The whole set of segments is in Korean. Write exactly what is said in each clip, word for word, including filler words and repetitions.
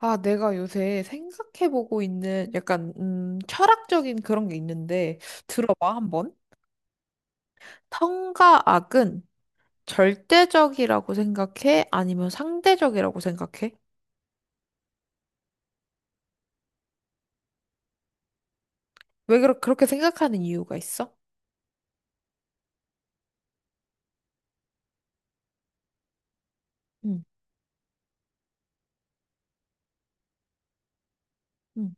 아, 내가 요새 생각해보고 있는 약간, 음, 철학적인 그런 게 있는데, 들어봐, 한번. 성과악은 절대적이라고 생각해? 아니면 상대적이라고 생각해? 왜 그러- 그렇게 생각하는 이유가 있어? 응. 응.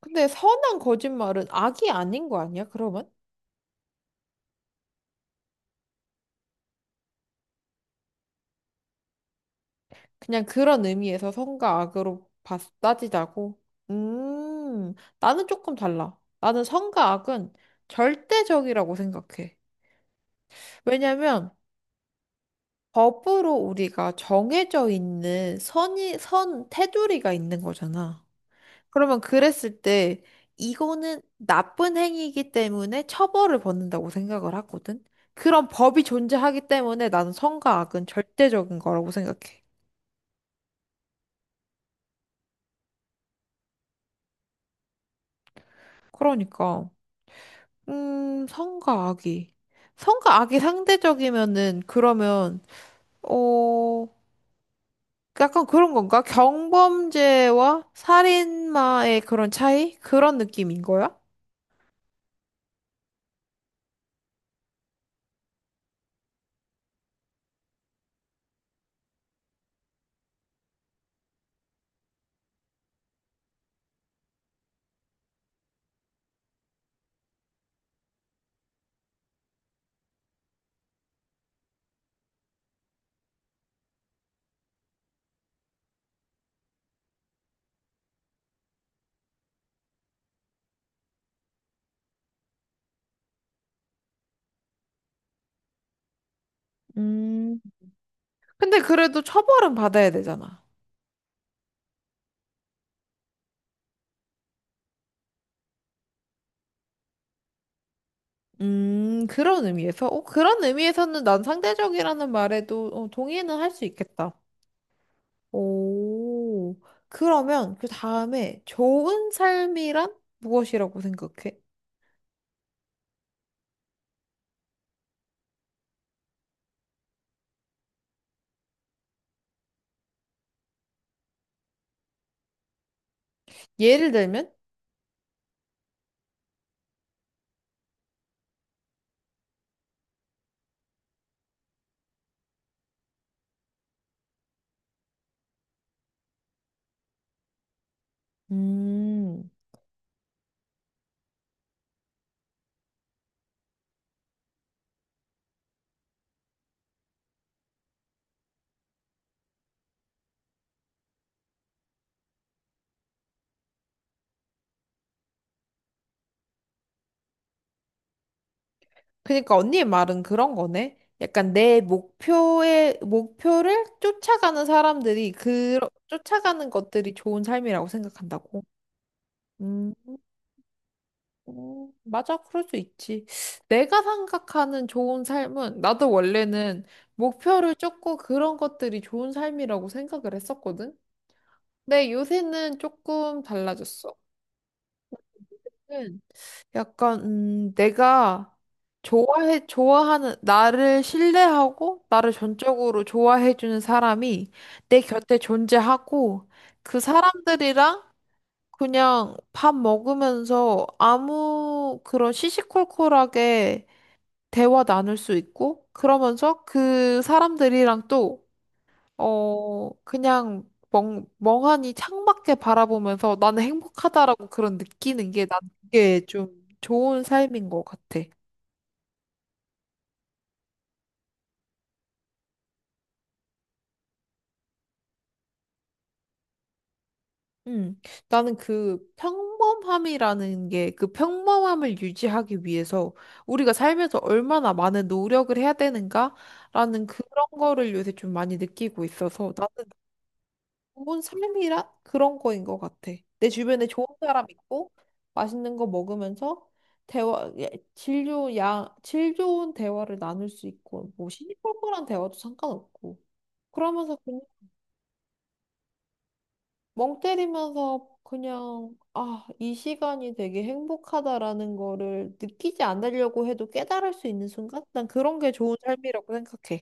근데 선한 거짓말은 악이 아닌 거 아니야, 그러면? 그냥 그런 의미에서 선과 악으로 봤, 따지자고. 음, 나는 조금 달라. 나는 선과 악은 절대적이라고 생각해. 왜냐면, 법으로 우리가 정해져 있는 선이, 선, 테두리가 있는 거잖아. 그러면 그랬을 때 이거는 나쁜 행위이기 때문에 처벌을 받는다고 생각을 하거든. 그런 법이 존재하기 때문에 나는 선과 악은 절대적인 거라고 생각해. 그러니까, 음, 선과 악이. 선과 악이 상대적이면은 그러면, 어, 약간 그런 건가? 경범죄와 살인마의 그런 차이? 그런 느낌인 거야? 음, 근데 그래도 처벌은 받아야 되잖아. 음, 그런 의미에서? 어, 그런 의미에서는 난 상대적이라는 말에도 어, 동의는 할 수 있겠다. 오, 그러면 그 다음에 좋은 삶이란 무엇이라고 생각해? 예를 들면, 음, 그러니까 언니의 말은 그런 거네. 약간 내 목표의, 목표를 쫓아가는 사람들이 그, 쫓아가는 것들이 좋은 삶이라고 생각한다고. 음. 음, 맞아, 그럴 수 있지. 내가 생각하는 좋은 삶은, 나도 원래는 목표를 쫓고 그런 것들이 좋은 삶이라고 생각을 했었거든? 근데 요새는 조금 달라졌어. 는 약간, 음, 내가 좋아해, 좋아하는, 나를 신뢰하고, 나를 전적으로 좋아해주는 사람이 내 곁에 존재하고, 그 사람들이랑 그냥 밥 먹으면서 아무 그런 시시콜콜하게 대화 나눌 수 있고, 그러면서 그 사람들이랑 또, 어, 그냥 멍, 멍하니 창밖에 바라보면서 나는 행복하다라고 그런 느끼는 게 난 그게 좀 좋은 삶인 것 같아. 음, 나는 그 평범함이라는 게 그 평범함을 유지하기 위해서 우리가 삶에서 얼마나 많은 노력을 해야 되는가라는 그런 거를 요새 좀 많이 느끼고 있어서 나는 좋은 삶이란 그런 거인 것 같아. 내 주변에 좋은 사람 있고 맛있는 거 먹으면서 대화, 예, 질 좋은 야, 질 좋은 대화를 나눌 수 있고 뭐 시시콜콜한 대화도 상관없고 그러면서 그냥 멍 때리면서 그냥 아, 이 시간이 되게 행복하다라는 거를 느끼지 않으려고 해도 깨달을 수 있는 순간? 난 그런 게 좋은 삶이라고 생각해.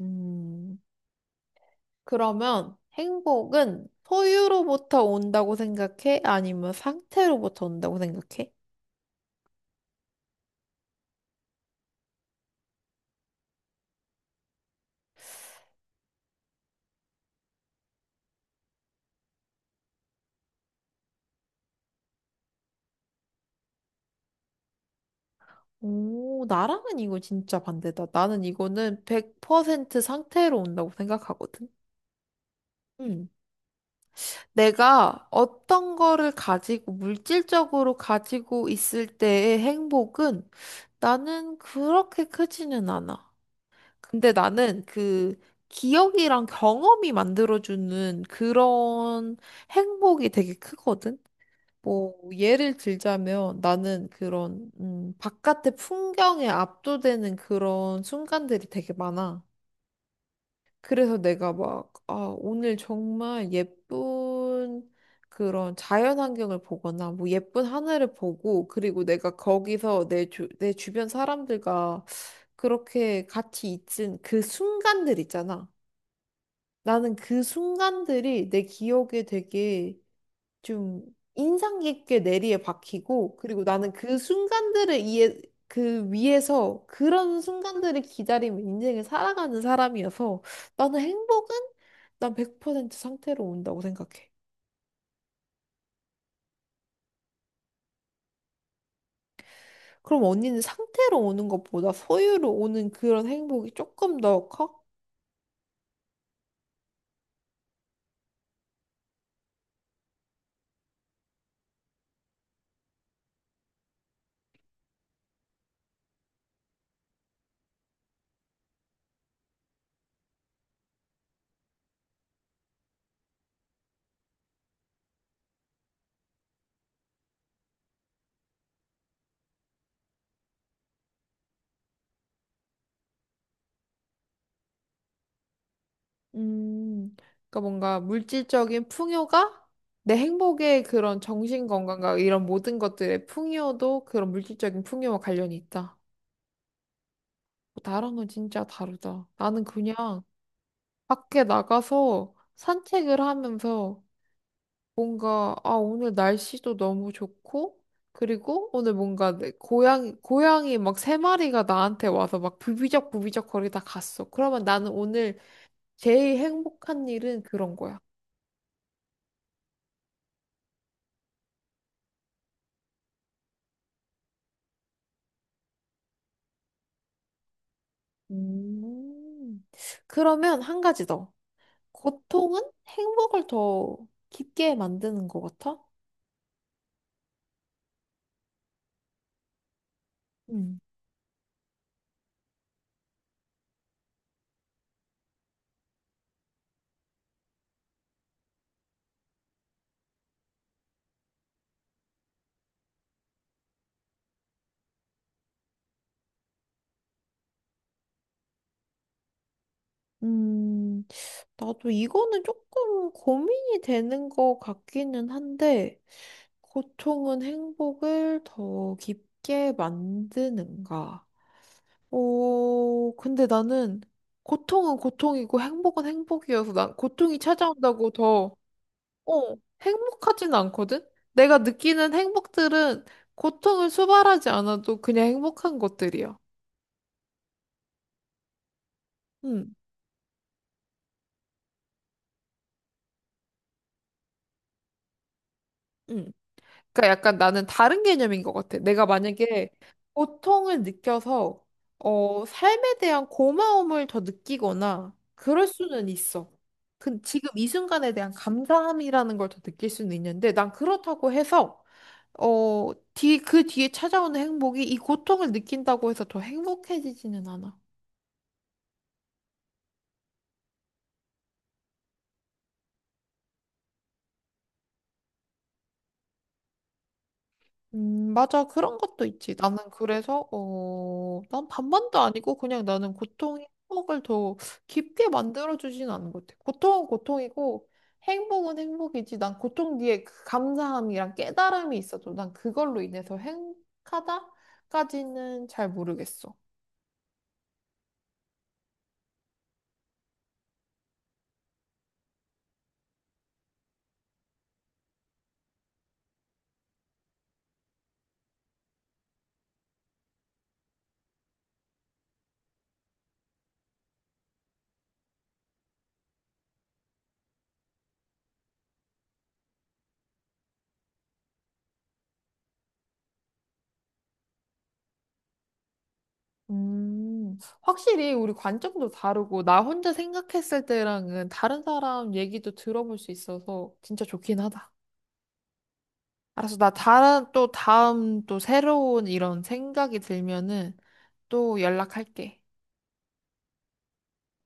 음. 그러면 행복은 소유로부터 온다고 생각해? 아니면 상태로부터 온다고 생각해? 오, 나랑은 이거 진짜 반대다. 나는 이거는 백 퍼센트 상태로 온다고 생각하거든. 음. 내가 어떤 거를 가지고, 물질적으로 가지고 있을 때의 행복은 나는 그렇게 크지는 않아. 근데 나는 그 기억이랑 경험이 만들어주는 그런 행복이 되게 크거든. 뭐 예를 들자면 나는 그런 음, 바깥의 풍경에 압도되는 그런 순간들이 되게 많아. 그래서 내가 막 아, 오늘 정말 예쁜 그런 자연 환경을 보거나 뭐 예쁜 하늘을 보고 그리고 내가 거기서 내 주, 내 주변 사람들과 그렇게 같이 있은 그 순간들 있잖아. 나는 그 순간들이 내 기억에 되게 좀 인상 깊게 내리에 박히고 그리고 나는 그 순간들을 이해 그 위에서 그런 순간들을 기다리며 인생을 살아가는 사람이어서 나는 행복은 난 백 퍼센트 상태로 온다고 생각해. 그럼 언니는 상태로 오는 것보다 소유로 오는 그런 행복이 조금 더 커? 음, 그러니까 뭔가 물질적인 풍요가 내 행복의 그런 정신 건강과 이런 모든 것들의 풍요도 그런 물질적인 풍요와 관련이 있다. 어, 나랑은 진짜 다르다. 나는 그냥 밖에 나가서 산책을 하면서 뭔가, 아, 오늘 날씨도 너무 좋고, 그리고 오늘 뭔가 내 고양이, 고양이 막 세 마리가 나한테 와서 막 부비적 부비적 거리다 갔어. 그러면 나는 오늘 제일 행복한 일은 그런 거야. 음. 그러면 한 가지 더. 고통은 행복을 더 깊게 만드는 것 같아? 음, 나도 이거는 조금 고민이 되는 것 같기는 한데, 고통은 행복을 더 깊게 만드는가? 어, 근데 나는 고통은 고통이고 행복은 행복이어서 난 고통이 찾아온다고 더, 어, 행복하진 않거든? 내가 느끼는 행복들은 고통을 수발하지 않아도 그냥 행복한 것들이야. 응, 응. 그러니까 약간 나는 다른 개념인 것 같아. 내가 만약에 고통을 느껴서 어, 삶에 대한 고마움을 더 느끼거나 그럴 수는 있어. 근 지금 이 순간에 대한 감사함이라는 걸 더 느낄 수는 있는데 난 그렇다고 해서 어, 뒤, 그 뒤에 찾아오는 행복이 이 고통을 느낀다고 해서 더 행복해지지는 않아. 음, 맞아. 그런 것도 있지. 나는 그래서, 어, 난 반반도 아니고 그냥 나는 고통이 행복을 더 깊게 만들어주진 않은 것 같아. 고통은 고통이고 행복은 행복이지. 난 고통 뒤에 그 감사함이랑 깨달음이 있어도 난 그걸로 인해서 행복하다까지는 잘 모르겠어. 음, 확실히 우리 관점도 다르고 나 혼자 생각했을 때랑은 다른 사람 얘기도 들어볼 수 있어서 진짜 좋긴 하다. 알았어. 나 다른 또 다음 또 새로운 이런 생각이 들면은 또 연락할게.